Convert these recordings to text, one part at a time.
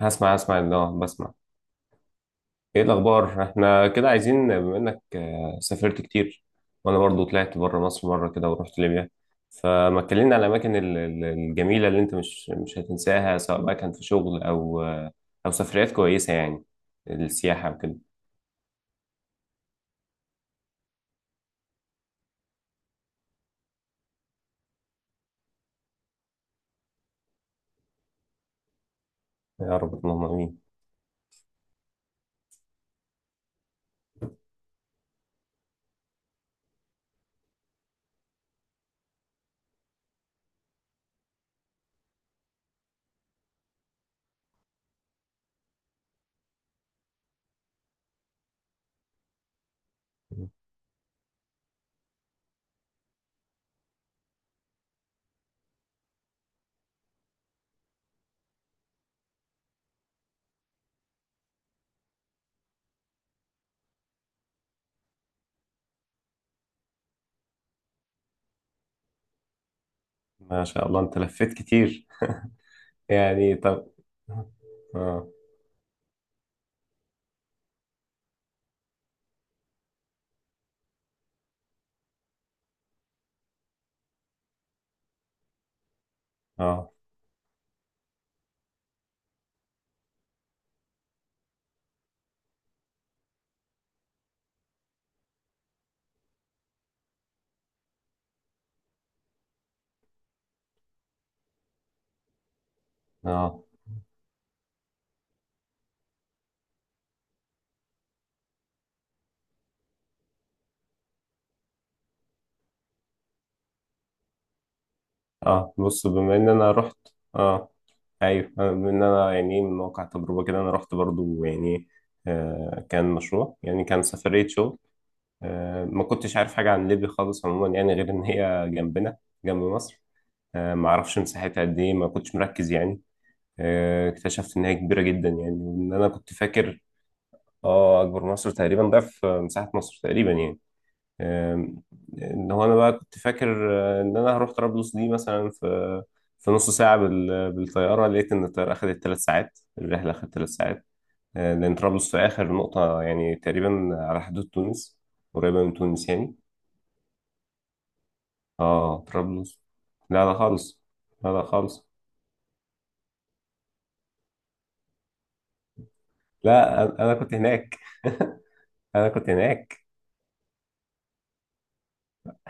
هسمع اللي بسمع. ايه الاخبار؟ احنا كده عايزين، بما انك سافرت كتير. وانا برضو طلعت بره مصر مره كده ورحت ليبيا. فما اتكلمنا على الاماكن الجميله اللي انت مش هتنساها، سواء بقى كان في شغل او او سفريات كويسه يعني، السياحه وكده. يا رب، اللهم امين. ما شاء الله انت لفيت كتير. يعني طب. اه اه اه اه بص، بما ان انا رحت. اه ايوه، بما ان انا يعني من واقع تجربه كده، انا رحت برضو يعني. كان مشروع، يعني كان سفريه شغل. ما كنتش عارف حاجه عن ليبيا خالص عموما يعني، غير ان هي جنبنا، جنب مصر. ما اعرفش مساحتها قد ايه، ما كنتش مركز يعني. اكتشفت ان هي كبيره جدا يعني، وان انا كنت فاكر. اه اكبر مصر، تقريبا ضعف مساحه مصر تقريبا يعني. آم، ان هو انا بقى كنت فاكر، ان انا هروح طرابلس دي مثلا في في نص ساعه بالطياره، لقيت ان الطياره اخذت ثلاث ساعات، الرحله اخذت ثلاث ساعات. لان طرابلس في اخر نقطه يعني تقريبا على حدود تونس، قريبه من تونس يعني. اه طرابلس، لا لا خالص، لا لا خالص. لا أنا كنت هناك. انا كنت هناك.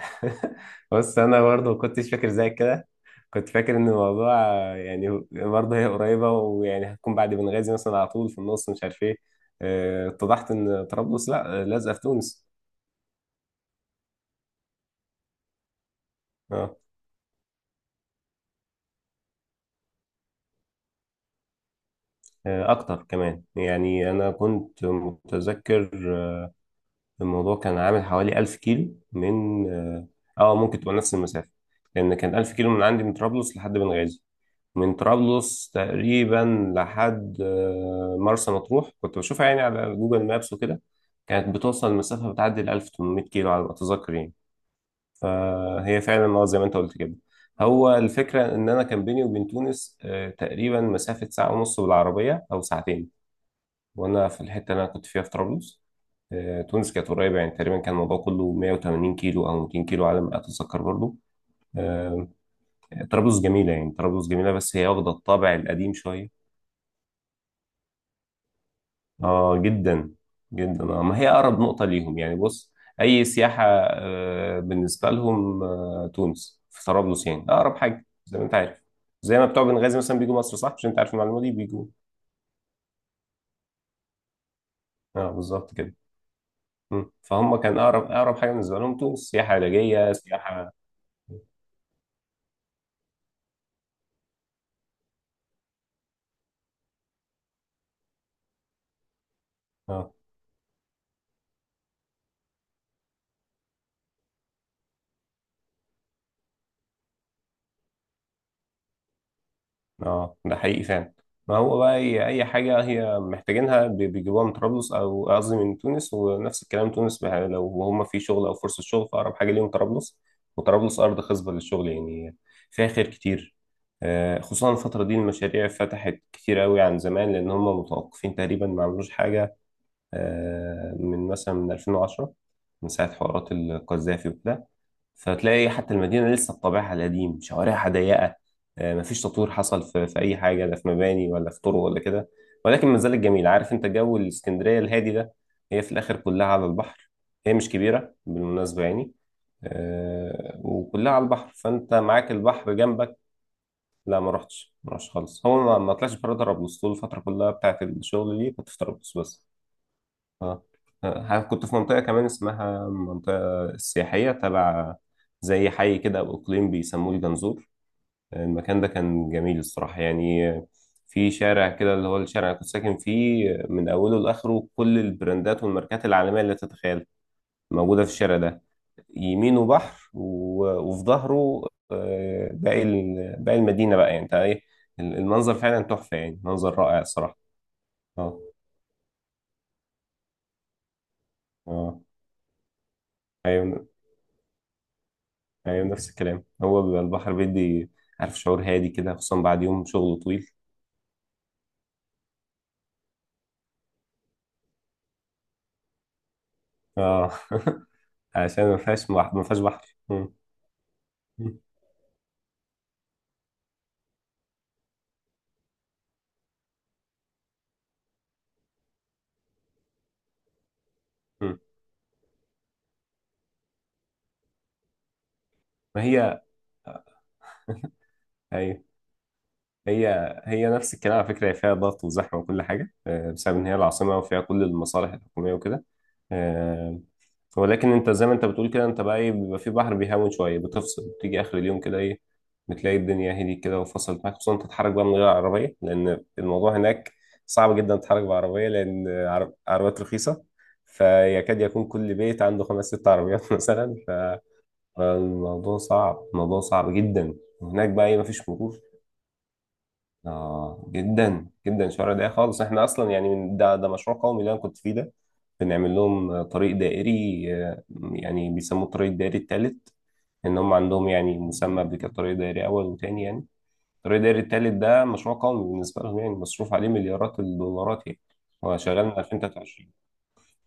بص، انا برضه ما كنتش فاكر زي كده. كنت فاكر ان الموضوع يعني برضه هي قريبه، ويعني هتكون بعد بنغازي مثلا، على طول في النص، مش عارف ايه. اتضحت ان طرابلس لا، لازقه في تونس. اه، اكتر كمان، يعني انا كنت متذكر. آه، الموضوع كان عامل حوالي 1000 كيلو من ممكن تبقى نفس المسافه. لان كان 1000 كيلو من عندي، من طرابلس لحد بنغازي. من طرابلس تقريبا لحد مرسى مطروح، كنت بشوفها يعني على جوجل مابس وكده. كانت بتوصل المسافة، بتعدي ال 1800 كيلو على ما أتذكر يعني. فهي فعلا اه زي ما أنت قلت كده. هو الفكرة إن أنا كان بيني وبين تونس تقريبا مسافة ساعة ونص بالعربية أو ساعتين. وأنا في الحتة اللي أنا كنت فيها في طرابلس، تونس كانت قريبة يعني، تقريبا كان الموضوع كله 180 كيلو أو 200 كيلو على ما أتذكر برضه. آه، طرابلس جميلة يعني، طرابلس جميلة بس هي واخدة الطابع القديم شوية. اه جدا جدا. آه. ما هي اقرب نقطة ليهم يعني. بص، اي سياحة، بالنسبة لهم، تونس في طرابلس يعني اقرب حاجة، زي ما انت عارف، زي ما بتوع بنغازي مثلا بيجوا مصر، صح؟ مش انت عارف المعلومة دي؟ بيجوا. اه بالظبط كده. مم. فهم كان اقرب اقرب حاجة بالنسبة لهم تونس، سياحة علاجية، سياحة. اه اه، ده حقيقي فعلا. ما هو بقى هي اي حاجه هي محتاجينها، بيجيبوها من طرابلس، او قصدي من تونس. ونفس الكلام تونس بقى، لو هم في شغل او فرصه شغل، فاقرب حاجه ليهم طرابلس. وطرابلس ارض خصبه للشغل يعني، فيها خير كتير. خصوصا الفتره دي المشاريع فتحت كتير قوي عن زمان، لان هم متوقفين تقريبا، ما عملوش حاجه من مثلا من 2010، من ساعه حوارات القذافي وكده. فتلاقي حتى المدينة لسه بطابعها القديم، شوارعها ضيقة، مفيش تطوير حصل في أي حاجة، لا في مباني ولا في طرق ولا كده. ولكن ما زالت جميلة، عارف أنت جو الإسكندرية الهادي ده؟ هي في الآخر كلها على البحر. هي مش كبيرة بالمناسبة يعني. وكلها على البحر، فأنت معاك البحر جنبك. لا ما رحتش، ما رحتش خالص. هو ما طلعش بره طرابلس طول الفترة كلها بتاعت الشغل دي، كنت في طرابلس بس. اه. كنت في منطقة كمان اسمها منطقة السياحية تبع، زي حي كده أو إقليم، بيسموه الجنزور. المكان ده كان جميل الصراحة يعني. في شارع كده، اللي هو الشارع اللي كنت ساكن فيه، من أوله لآخره كل البراندات والماركات العالمية اللي تتخيل موجودة في الشارع ده. يمينه بحر وفي ظهره، باقي باقي المدينة بقى، يعني انت ايه، المنظر فعلا تحفة يعني، منظر رائع الصراحة. اه اه ايوه ايوه، نفس الكلام. هو بيبقى البحر بيدي، عارف، شعور هادي كده خصوصا بعد يوم شغل طويل. اه. عشان ما فيهاش بحر. مم. مم. مم. ما هي ايوه، هي هي نفس الكلام على فكره، هي فيها ضغط وزحمه وكل حاجه بسبب ان هي العاصمه وفيها كل المصالح الحكوميه وكده. آه، ولكن انت زي ما انت بتقول كده، انت بقى ايه، بيبقى في بحر بيهون شويه، بتفصل، بتيجي اخر اليوم كده ايه، بتلاقي الدنيا هديت كده وفصلت معاك. خصوصا انت تتحرك بقى من غير عربيه، لان الموضوع هناك صعب جدا تتحرك بعربيه، لان عربيات رخيصه، فيكاد يكون كل بيت عنده خمس ست عربيات. مثلا فالموضوع صعب، الموضوع صعب جدا. وهناك بقى ايه، مفيش مرور. اه جدا جدا، شوارع ضيقه خالص. احنا اصلا يعني من ده مشروع قومي اللي انا كنت فيه ده، بنعمل لهم طريق دائري، يعني بيسموه الطريق الدائري الثالث. ان هم عندهم يعني مسمى قبل كده طريق دائري اول وتاني يعني. الطريق الدائري الثالث ده مشروع قومي بالنسبه لهم يعني، مصروف عليه مليارات الدولارات يعني. هو شغال من 2023.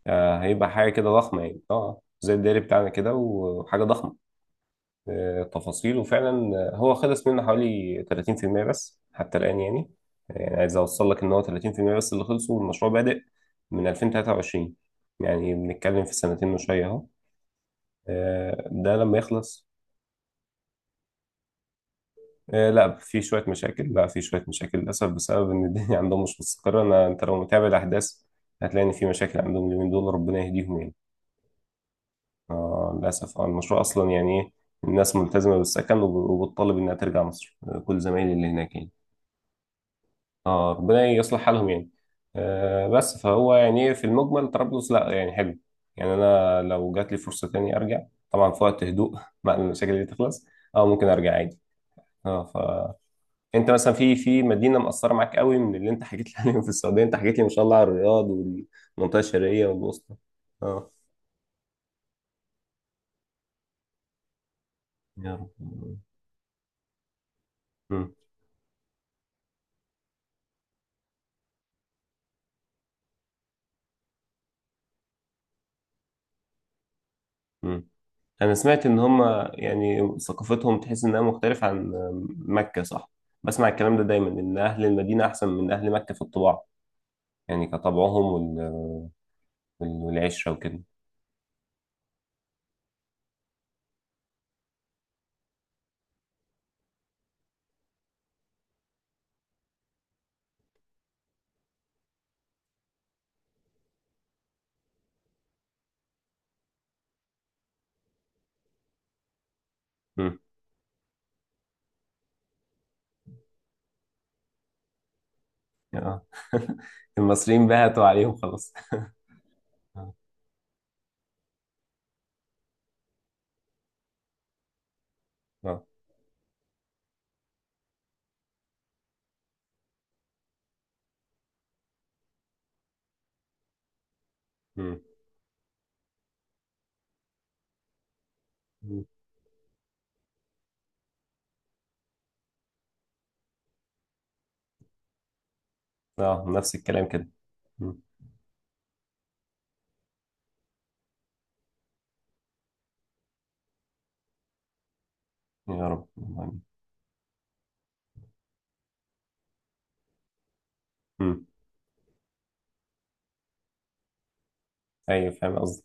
آه هيبقى حاجه كده ضخمه يعني، اه زي الدائري بتاعنا كده، وحاجه ضخمه تفاصيل وفعلا. هو خلص منه حوالي 30% بس حتى الآن يعني. يعني عايز أوصل لك إن هو 30% بس اللي خلصوا، والمشروع بادئ من 2023. يعني بنتكلم في سنتين وشوية أهو. ده لما يخلص. لا، في شوية مشاكل، لا في شوية مشاكل للأسف، بسبب إن الدنيا عندهم مش مستقرة. أنا أنت لو متابع الأحداث هتلاقي إن في مشاكل عندهم اليومين دول، ربنا يهديهم يعني. للأسف، المشروع أصلا يعني إيه، الناس ملتزمة بالسكن وبتطالب إنها ترجع مصر. كل زمايلي اللي هناك يعني، اه ربنا يصلح حالهم يعني. بس فهو يعني إيه، في المجمل طرابلس لا يعني حلو، يعني انا لو جات لي فرصه تاني ارجع، طبعا في وقت هدوء. بعد ما المشاكل دي تخلص، اه ممكن ارجع عادي. اه، فانت مثلا في في مدينه مأثره معاك قوي من اللي انت حكيت لي عليهم في السعوديه؟ انت حكيت لي ما شاء الله على الرياض والمنطقه الشرقيه والوسطى. اه. يا رب. مم. مم. انا سمعت ان هم يعني ثقافتهم، تحس انها مختلفة عن مكة، صح؟ بسمع الكلام ده دايما، ان اهل المدينة احسن من اهل مكة في الطباع يعني، كطبعهم وال... والعشرة وكده. مم. آه. المصريين بهتوا عليهم خلاص. اه. آه. مم. مم. اه نفس الكلام كده. مم. يا رب. مم. ايوه فاهم قصدي.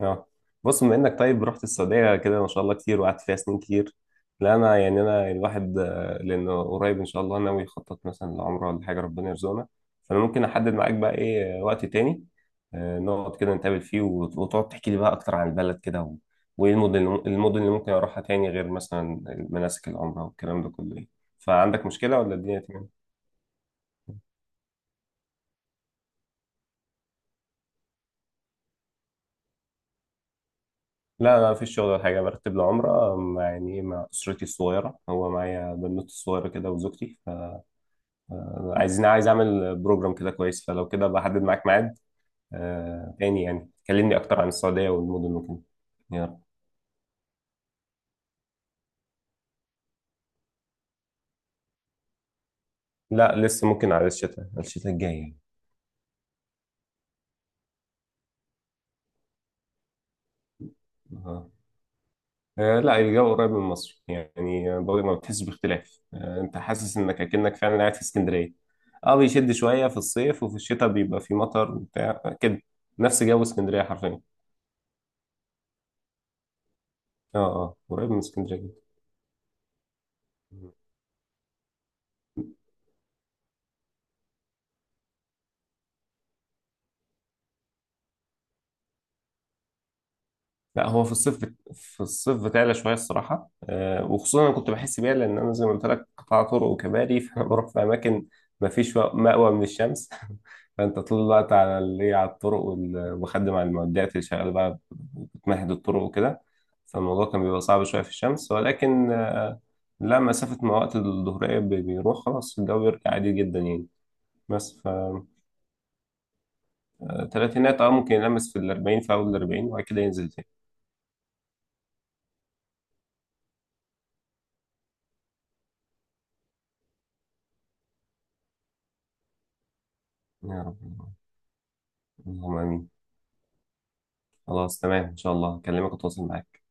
اه بص، بما انك طيب رحت السعوديه كده ما شاء الله كتير وقعدت فيها سنين كتير، لا انا يعني انا الواحد لانه قريب ان شاء الله ناوي يخطط مثلا لعمره ولا حاجه، ربنا يرزقنا. فانا ممكن احدد معاك بقى ايه، وقت تاني، نقعد كده نتقابل فيه وتقعد تحكي لي بقى اكتر عن البلد كده، وايه المدن، اللي ممكن اروحها تاني غير مثلا مناسك العمره والكلام ده كله يعني. فعندك مشكله ولا الدنيا تمام؟ لا لا مفيش شغل ولا حاجة، برتب لعمرة مع يعني إيه، مع أسرتي الصغيرة، هو معايا بنوتي الصغيرة كده وزوجتي. عايزين، عايز اعمل بروجرام كده كويس، فلو كده بحدد معاك ميعاد، تاني يعني، كلمني اكتر عن السعودية والمدن ممكن. يلا. لا لسه، ممكن على الشتاء، على الشتاء الجاي يعني. آه. لا الجو قريب من مصر يعني، برضه ما بتحسش باختلاف، انت حاسس انك اكنك فعلا قاعد في اسكندرية. اه بيشد شوية في الصيف، وفي الشتاء بيبقى في مطر وبتاع كده، نفس جو اسكندرية حرفيا. اه اه، قريب من اسكندرية جدا. لا هو في الصيف في الصيف بتعلى شويه الصراحه. وخصوصا انا كنت بحس بيها، لان انا زي ما قلت لك قطاع طرق وكباري. فانا بروح في اماكن ما فيش مأوى من الشمس. فانت طول الوقت على اللي على الطرق وبخدم على المعدات اللي شغاله بقى، بتمهد الطرق وكده. فالموضوع كان بيبقى صعب شويه في الشمس، ولكن لا مسافه ما وقت الظهريه بيروح خلاص، الجو بيرجع عادي جدا يعني. بس فالثلاثينات اه ممكن يلمس في الأربعين، في أول الأربعين وبعد كده ينزل تاني. يا رب، اللهم آمين. خلاص تمام، ان شاء الله اكلمك واتواصل معاك.